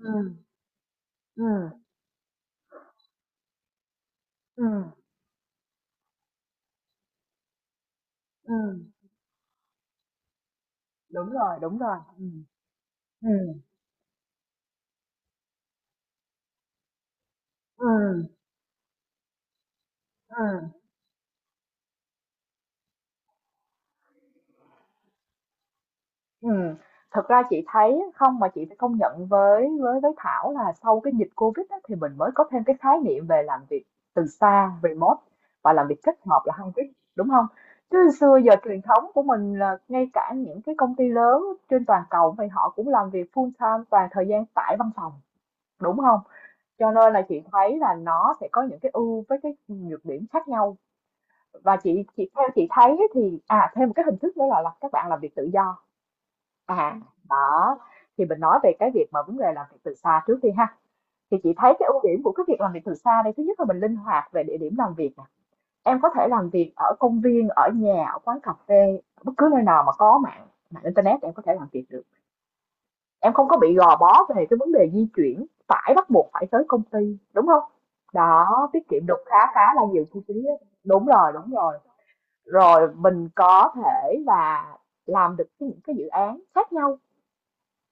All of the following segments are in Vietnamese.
Ừm, ừm, ừm, ừm, đúng rồi, ừm, ừm, ừm, ừm. Thật ra chị thấy không mà chị phải công nhận với Thảo là sau cái dịch Covid á, thì mình mới có thêm cái khái niệm về làm việc từ xa, remote, và làm việc kết hợp là hybrid, đúng không? Chứ xưa giờ truyền thống của mình là ngay cả những cái công ty lớn trên toàn cầu thì họ cũng làm việc full time, toàn thời gian tại văn phòng, đúng không? Cho nên là chị thấy là nó sẽ có những cái ưu với cái nhược điểm khác nhau. Và chị theo chị thấy thì à, thêm một cái hình thức nữa là các bạn làm việc tự do. Ừ. À, đó, thì mình nói về cái việc mà vấn đề làm việc từ xa trước đi ha. Thì chị thấy cái ưu điểm của cái việc làm việc từ xa đây, thứ nhất là mình linh hoạt về địa điểm làm việc nè. Em có thể làm việc ở công viên, ở nhà, ở quán cà phê, bất cứ nơi nào mà có mạng mạng internet em có thể làm việc được. Em không có bị gò bó về cái vấn đề di chuyển, phải bắt buộc phải tới công ty, đúng không? Đó, tiết kiệm được khá khá là nhiều chi phí á. Đúng rồi, đúng rồi, rồi mình có thể là làm được những cái dự án khác nhau.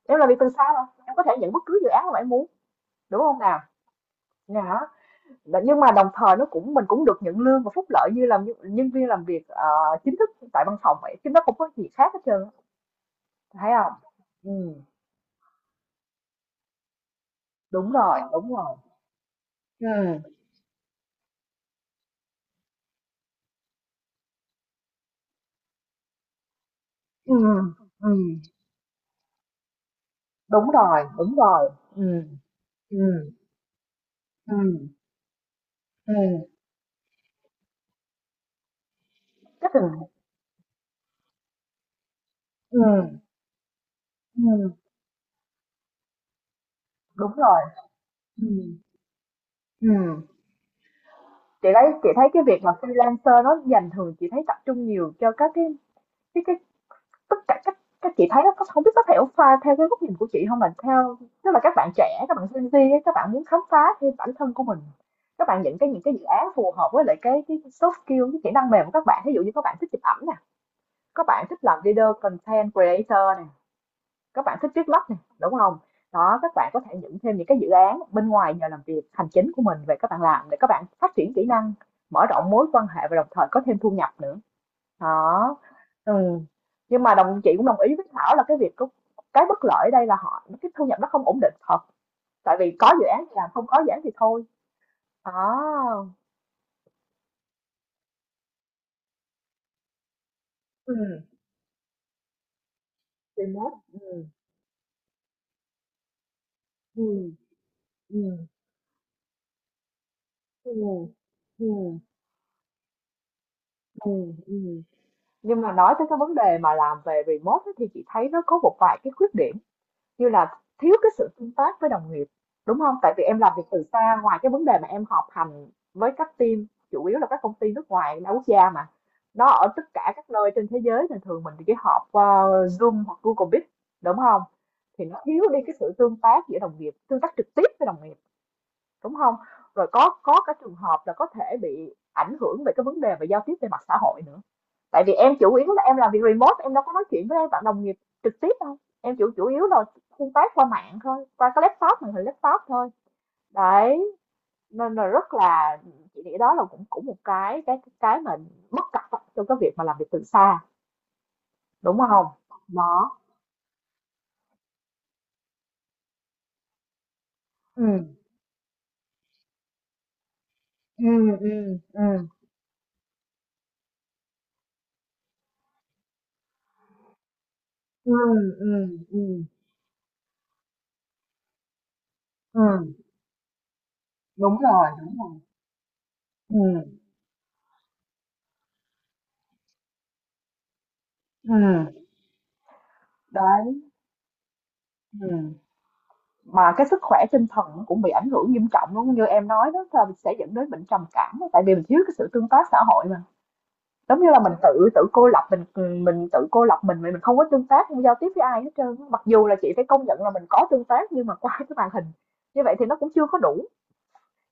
Em làm việc từ xa mà, em có thể nhận bất cứ dự án mà em muốn, đúng không nào? Đó, nhưng mà đồng thời nó cũng mình cũng được nhận lương và phúc lợi như làm nhân nhân viên làm việc, chính thức tại văn phòng vậy, chứ nó không có gì khác hết trơn, thấy không? Ừm, đúng rồi, đúng rồi. Ừm, ừm, ừm, đúng rồi, đúng rồi, ừm, ừm, ừm, ừm, cái tình ừm, ừm, đúng rồi, ừm, ừm. Chị thấy cái việc mà freelancer nó dành thường chị thấy tập trung nhiều cho các cái cái tất cả các chị thấy nó không biết có thể pha theo cái góc nhìn của chị không, là theo, tức là các bạn trẻ, các bạn Gen Z ấy, các bạn muốn khám phá thêm bản thân của mình. Các bạn những cái dự án phù hợp với lại cái soft skill, cái kỹ năng mềm của các bạn, ví dụ như các bạn thích chụp ảnh nè, các bạn thích làm leader, content creator nè, các bạn thích viết lách này, đúng không? Đó, các bạn có thể nhận thêm những cái dự án bên ngoài nhờ làm việc hành chính của mình về, các bạn làm để các bạn phát triển kỹ năng, mở rộng mối quan hệ và đồng thời có thêm thu nhập nữa. Đó. Ừ. Nhưng mà đồng chị cũng đồng ý với Thảo là cái việc cái bất lợi ở đây là họ, cái thu nhập nó không ổn định thật, tại vì có dự án thì làm, không có dự án thì thôi. Đó. Ừ, remote. Ừ. Ừ. Ừ. Ừ. Ừ. Ừ. Ừ. Ừ, ừ. Nhưng mà nói tới cái vấn đề mà làm về remote ấy, thì chị thấy nó có một vài cái khuyết điểm, như là thiếu cái sự tương tác với đồng nghiệp, đúng không? Tại vì em làm việc từ xa, ngoài cái vấn đề mà em họp hành với các team, chủ yếu là các công ty nước ngoài đa quốc gia mà, nó ở tất cả các nơi trên thế giới, thì thường mình chỉ họp qua Zoom hoặc Google Meet, đúng không? Thì nó thiếu đi cái sự tương tác giữa đồng nghiệp, tương tác trực tiếp với đồng nghiệp, đúng không? Rồi có cái trường hợp là có thể bị ảnh hưởng về cái vấn đề về giao tiếp, về mặt xã hội nữa. Tại vì em chủ yếu là em làm việc remote, em đâu có nói chuyện với bạn đồng nghiệp trực tiếp đâu, em chủ chủ yếu là tương tác qua mạng thôi, qua cái laptop, màn hình laptop thôi. Đấy, nên là rất là, chị nghĩ đó là cũng cũng một cái cái mà bất cập á, trong cái việc mà làm việc từ xa, đúng không? Đó. Ừ, ừ, ừ, ừ, ừ, ừ, ừ, ừ. Đúng rồi, đúng rồi. Ừ, ừ. Đấy. Ừ. Mà cái sức khỏe tinh thần cũng bị ảnh hưởng nghiêm trọng luôn, như em nói đó, là sẽ dẫn đến bệnh trầm cảm, tại vì mình thiếu cái sự tương tác xã hội mà, giống như là mình tự tự cô lập mình. Mình tự cô lập mình không có tương tác, không giao tiếp với ai hết trơn, mặc dù là chị phải công nhận là mình có tương tác nhưng mà qua cái màn hình như vậy thì nó cũng chưa có đủ.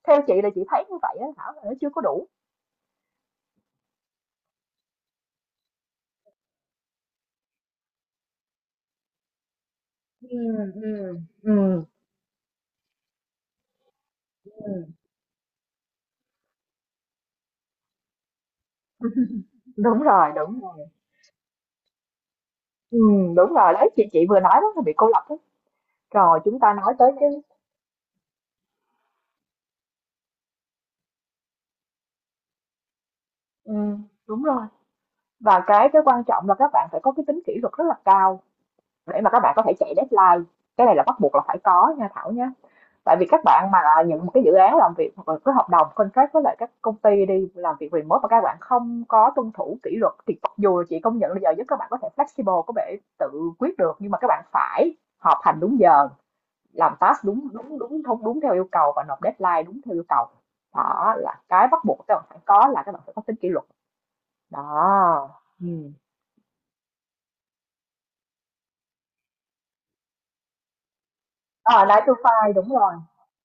Theo chị là chị thấy như vậy á Thảo, là nó chưa có đủ. Ừ, ừ, ừ, ừ, đúng rồi, đúng rồi. Ừ, đúng rồi, đấy, chị vừa nói đó, là bị cô lập đó. Rồi chúng ta nói tới cái, ừ, đúng rồi, và cái quan trọng là các bạn phải có cái tính kỷ luật rất là cao, để mà các bạn có thể chạy deadline. Cái này là bắt buộc là phải có nha Thảo nhé. Tại vì các bạn mà nhận một cái dự án làm việc hoặc là cái hợp đồng contract với lại các công ty đi làm việc remote, mà các bạn không có tuân thủ kỷ luật, thì mặc dù chị công nhận là giờ giấc các bạn có thể flexible, có thể tự quyết được, nhưng mà các bạn phải họp hành đúng giờ, làm task đúng đúng đúng đúng đúng theo yêu cầu, và nộp deadline đúng theo yêu cầu. Đó là cái bắt buộc các bạn phải có, là các bạn phải có tính kỷ luật. Đó. Ừ. Ờ, Nine-to-five, đúng rồi.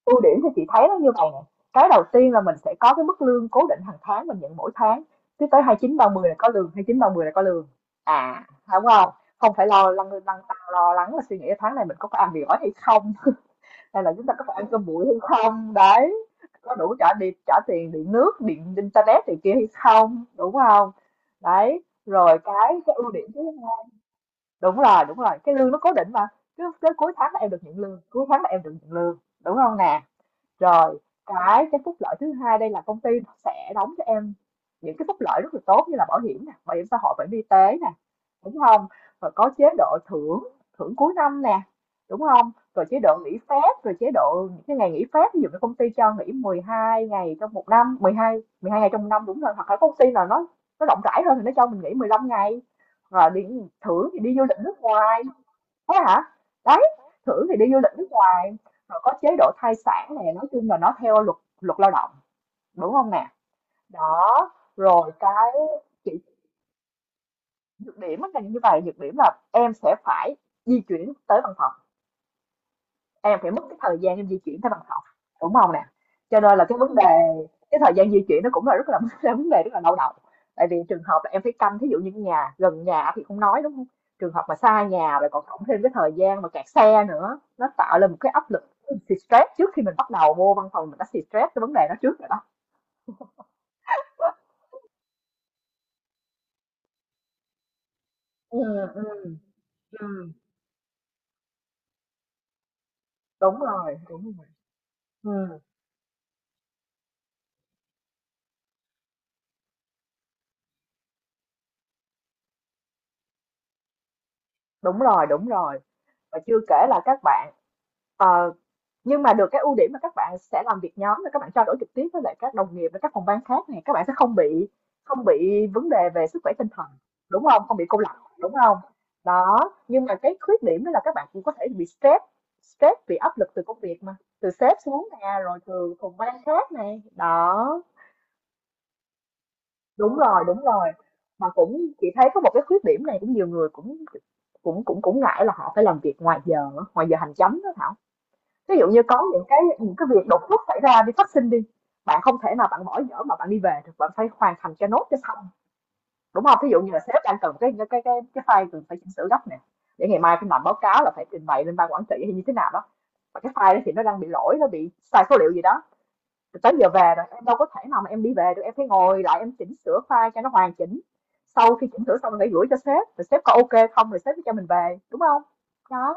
Ưu điểm thì chị thấy nó như vậy nè, cái đầu tiên là mình sẽ có cái mức lương cố định hàng tháng mình nhận mỗi tháng, cứ tới 29, 30 là có lương, 29, 30 là có lương. À, đúng không? Không phải lo lăn lăn tăn, lo lắng là suy nghĩ tháng này mình có phải ăn mì gói hay không, hay là chúng ta có phải ăn cơm bụi hay không, đấy, có đủ trả điện, trả tiền điện nước, điện internet này kia hay không, đúng không? Đấy, rồi cái ưu điểm thứ, đúng rồi, đúng rồi, cái lương nó cố định mà, cứ tới cuối tháng là em được nhận lương, cuối tháng là em được nhận lương, đúng không nè? Rồi, cái phúc lợi thứ hai đây là công ty sẽ đóng cho em những cái phúc lợi rất là tốt, như là bảo hiểm nè, bảo hiểm xã hội, bảo hiểm y tế nè, đúng không? Rồi có chế độ thưởng, thưởng cuối năm nè, đúng không? Rồi chế độ nghỉ phép, rồi chế độ những cái ngày nghỉ phép, ví dụ như công ty cho nghỉ 12 ngày trong một năm, 12 12 ngày trong năm đúng rồi, hoặc là công ty nào nó rộng rãi hơn thì nó cho mình nghỉ 15 ngày. Rồi đi thưởng thì đi du lịch nước ngoài. Thế hả? Đấy, thử thì đi du lịch nước ngoài, rồi có chế độ thai sản này, nói chung là nó theo luật, luật lao động, đúng không nè? Đó, rồi cái chị, nhược điểm á là như vậy, nhược điểm là em sẽ phải di chuyển tới văn phòng. Em phải mất cái thời gian em di chuyển tới văn phòng, đúng không nè? Cho nên là cái vấn đề cái thời gian di chuyển nó cũng là rất là là vấn đề rất là đau đầu, tại vì trường hợp là em phải canh, thí dụ như cái nhà gần nhà thì không nói, đúng không? Trường hợp mà xa nhà rồi còn cộng thêm cái thời gian mà kẹt xe nữa, nó tạo lên một cái áp lực, thì stress trước khi mình bắt đầu vô văn phòng mình đã xì stress cái vấn đề đó trước rồi đó. Ừ, ừ, ừ. Đúng rồi, đúng rồi. Ừ. Đúng rồi, đúng rồi, và chưa kể là các bạn, ờ, nhưng mà được cái ưu điểm là các bạn sẽ làm việc nhóm, các bạn trao đổi trực tiếp với lại các đồng nghiệp và các phòng ban khác này, các bạn sẽ không bị, không bị vấn đề về sức khỏe tinh thần, đúng không? Không bị cô lập, đúng không? Đó, nhưng mà cái khuyết điểm đó là các bạn cũng có thể bị stress, stress bị áp lực từ công việc mà, từ sếp xuống nè, rồi từ phòng ban khác này đó. Đúng rồi, đúng rồi, mà cũng chị thấy có một cái khuyết điểm này cũng nhiều người cũng cũng cũng cũng ngại là họ phải làm việc ngoài giờ, ngoài giờ hành chánh đó Thảo. Ví dụ như có những cái việc đột xuất xảy ra đi, phát sinh đi, bạn không thể nào bạn bỏ dở mà bạn đi về được, bạn phải hoàn thành cho nốt cho xong, đúng không? Ví dụ như là sếp đang cần cái cái, file cần phải chỉnh sửa gấp nè, để ngày mai phải làm báo cáo, là phải trình bày lên ban quản trị hay như thế nào đó, mà cái file đó thì nó đang bị lỗi, nó bị sai số liệu gì đó, tới giờ về rồi em đâu có thể nào mà em đi về được, em phải ngồi lại em chỉnh sửa file cho nó hoàn chỉnh, sau khi chỉnh sửa xong rồi phải gửi cho sếp, rồi sếp có ok không, rồi sếp mới cho mình về, đúng không? Đó,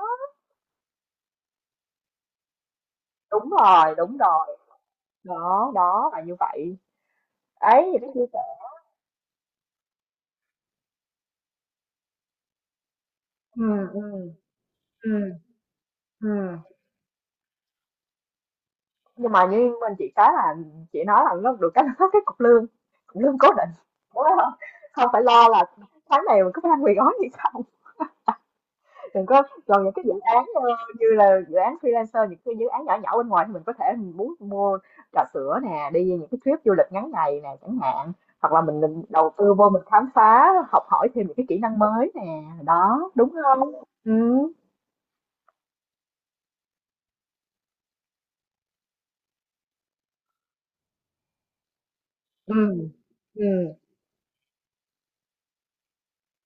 đúng rồi, đó, đó là như vậy. Ấy thì nó chia sẻ, ừ, ừ, ừ, ừ, nhưng mà như mình chị cái là, chị nói là nó được cái, nó có cái cục lương, cục lương cố định, đúng không? Không phải lo là tháng này mình có phải ăn mì gói gì không, đừng có còn những cái dự án, như là dự án freelancer, những cái dự án nhỏ nhỏ bên ngoài, thì mình có thể mình muốn mua trà sữa nè đi, những cái trip du lịch ngắn ngày nè chẳng hạn, hoặc là mình định đầu tư vô mình khám phá, học hỏi thêm những cái kỹ năng mới nè. Đó, đúng không? Ừ, ừ, ừ,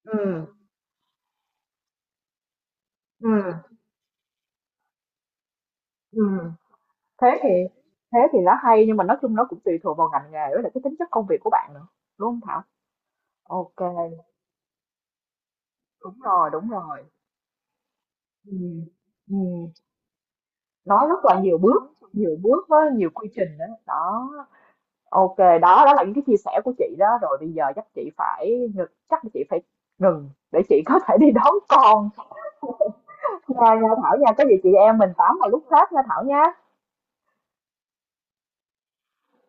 ừ. Ừ, ừm, thế thì, thế thì nó hay, nhưng mà nói chung nó cũng tùy thuộc vào ngành nghề với lại cái tính chất công việc của bạn nữa, đúng không Thảo? Ok, đúng rồi, đúng rồi. Ừ, ừm, nó rất là nhiều bước với nhiều quy trình đó. Đó. Ok, đó, đó là những cái chia sẻ của chị đó, rồi bây giờ chắc chị phải ngừng, chắc là chị phải ngừng để chị có thể đi đón con, nha nha Thảo nha, có gì chị em mình tám vào lúc khác nha Thảo nha.